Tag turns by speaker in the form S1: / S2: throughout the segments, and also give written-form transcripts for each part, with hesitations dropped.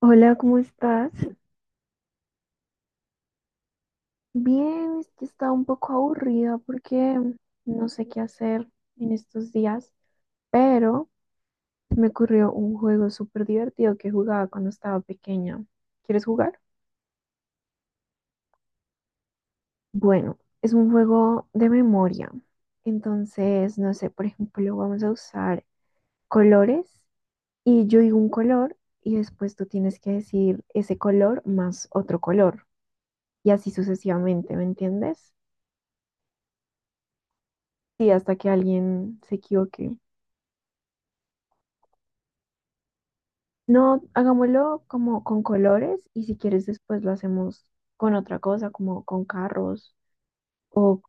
S1: Hola, ¿cómo estás? Bien, es que estaba un poco aburrida porque no sé qué hacer en estos días, pero me ocurrió un juego súper divertido que jugaba cuando estaba pequeña. ¿Quieres jugar? Bueno, es un juego de memoria. Entonces, no sé, por ejemplo, vamos a usar colores y yo digo un color y después tú tienes que decir ese color más otro color y así sucesivamente, ¿me entiendes? Sí, hasta que alguien se equivoque. No, hagámoslo como con colores y si quieres después lo hacemos con otra cosa, como con carros o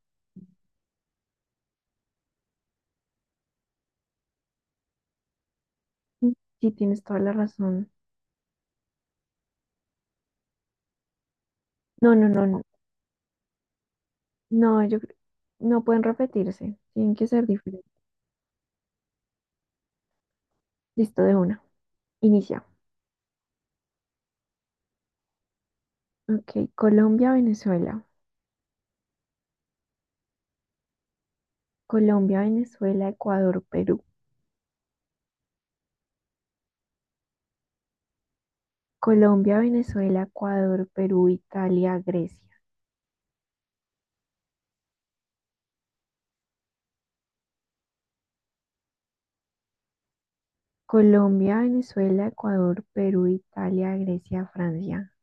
S1: si tienes toda la razón. No, no, no, no, no, no pueden repetirse, tienen que ser diferentes. Listo, de una. Inicia. Ok, Colombia, Venezuela. Colombia, Venezuela, Ecuador, Perú. Colombia, Venezuela, Ecuador, Perú, Italia, Grecia. Colombia, Venezuela, Ecuador, Perú, Italia, Grecia, Francia.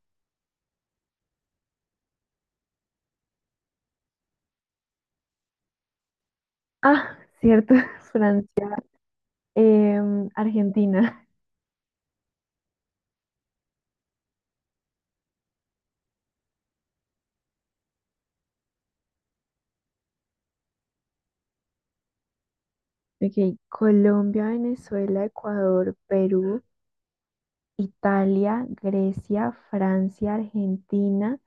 S1: Ah, cierto, Francia. Argentina, ok, Colombia, Venezuela, Ecuador, Perú, Italia, Grecia, Francia, Argentina,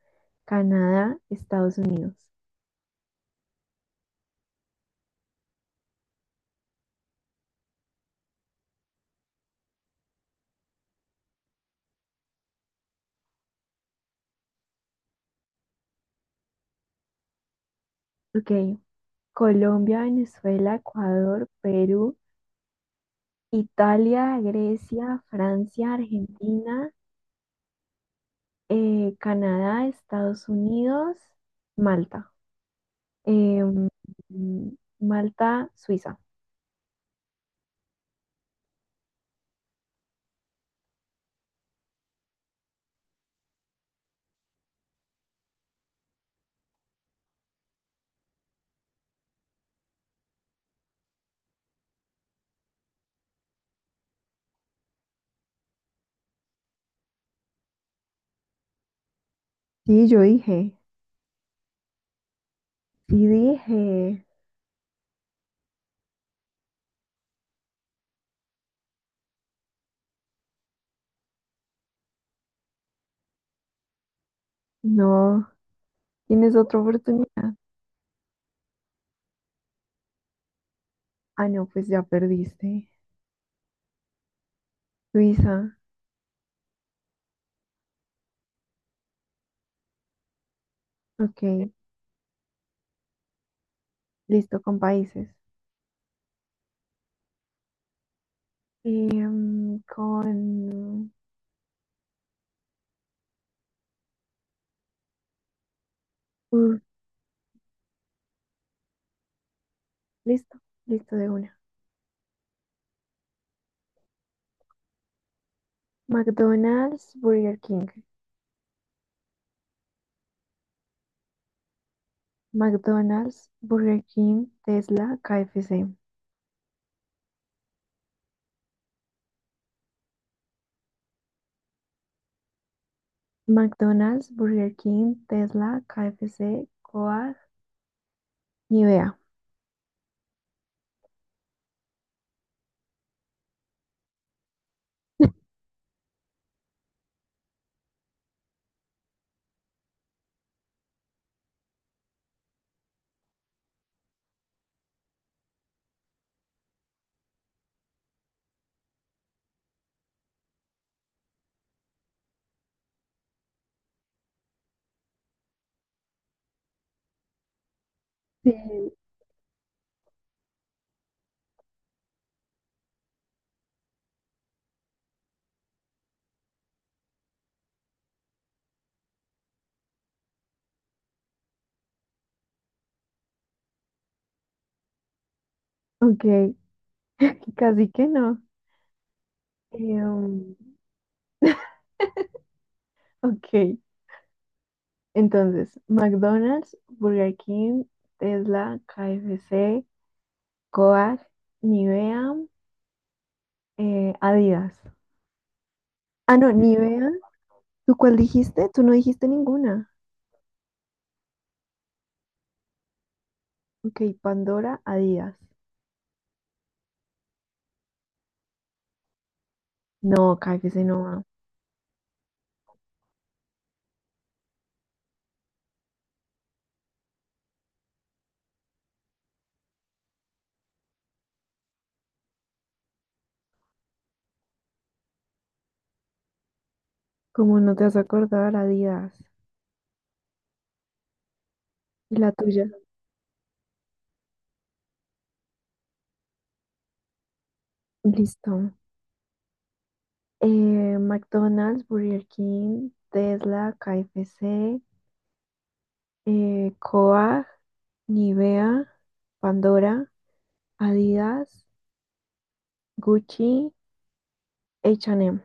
S1: Canadá, Estados Unidos. Ok, Colombia, Venezuela, Ecuador, Perú, Italia, Grecia, Francia, Argentina, Canadá, Estados Unidos, Malta. Em, mm, Malta, Suiza. Sí, yo dije, sí dije, no. Tienes otra oportunidad. Ah, no, pues ya perdiste. Suiza, ok, listo, con países. Em, con... uh, Listo, listo de una. McDonald's, Burger King. McDonald's, Burger King, Tesla, KFC. McDonald's, Burger King, Tesla, KFC, Coag, Nivea. Sí, ok, casi que no. Em, ok, entonces, McDonald's, Burger King, Tesla, KFC, Coag, Nivea, Adidas. Ah, no, Nivea. ¿Tú cuál dijiste? Tú no dijiste ninguna. Ok, Pandora, Adidas. No, KFC no va. ¿Cómo no te vas a acordar, Adidas? ¿Y la tuya? Listo. McDonald's, Burger King, Tesla, KFC, Coag, Nivea, Pandora, Adidas. Gucci, H&M.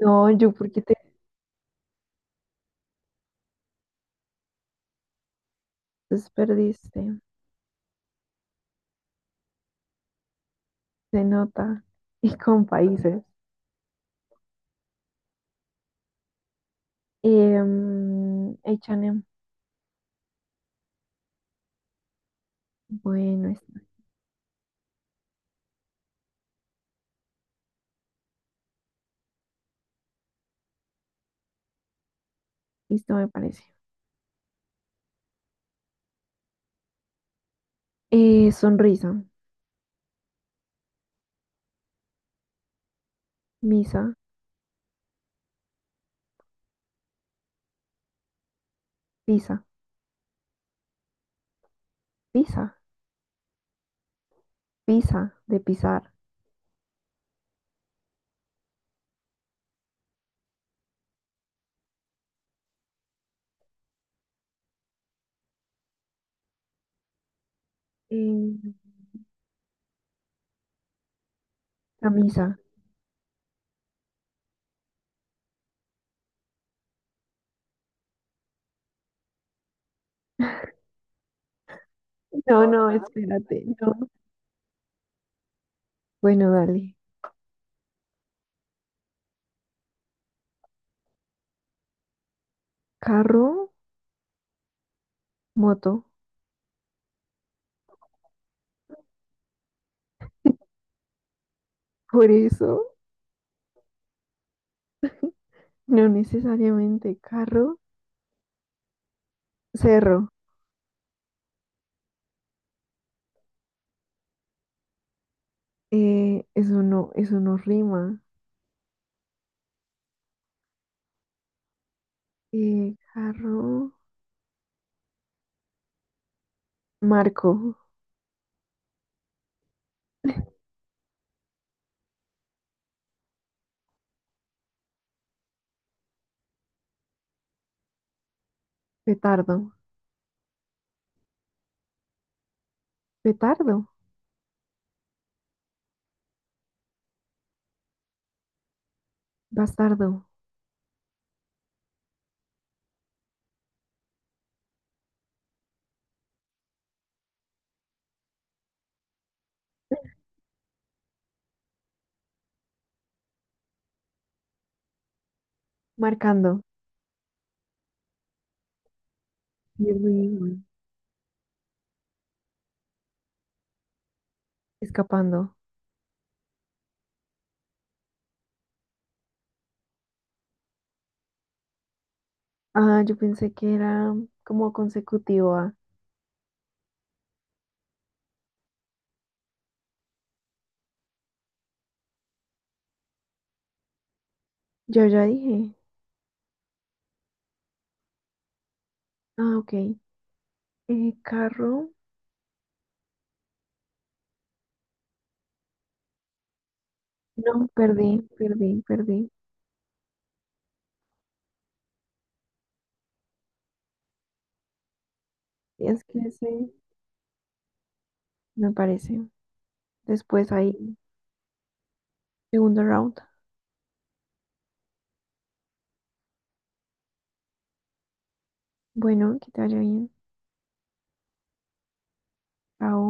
S1: No, yo porque te desperdiste. Se nota. Y con países. H&M. Bueno, es- Listo, me parece. Sonrisa. Misa. Pisa. Pisa. Pisa. De pisar. Em, Camisa. No, no, espérate. No. Bueno, dale. Carro, moto. Por eso, no necesariamente carro. Cerro. Eso no rima. Jarro, marco, petardo, petardo, bastardo, marcando, Irwin, escapando. Ah, yo pensé que era como consecutivo a. Yo ya dije. Ah, ok. Carro, no, perdí, perdí, perdí. Es que ese me parece. Después ahí, segundo round. Bueno, que te vaya bien. Chao.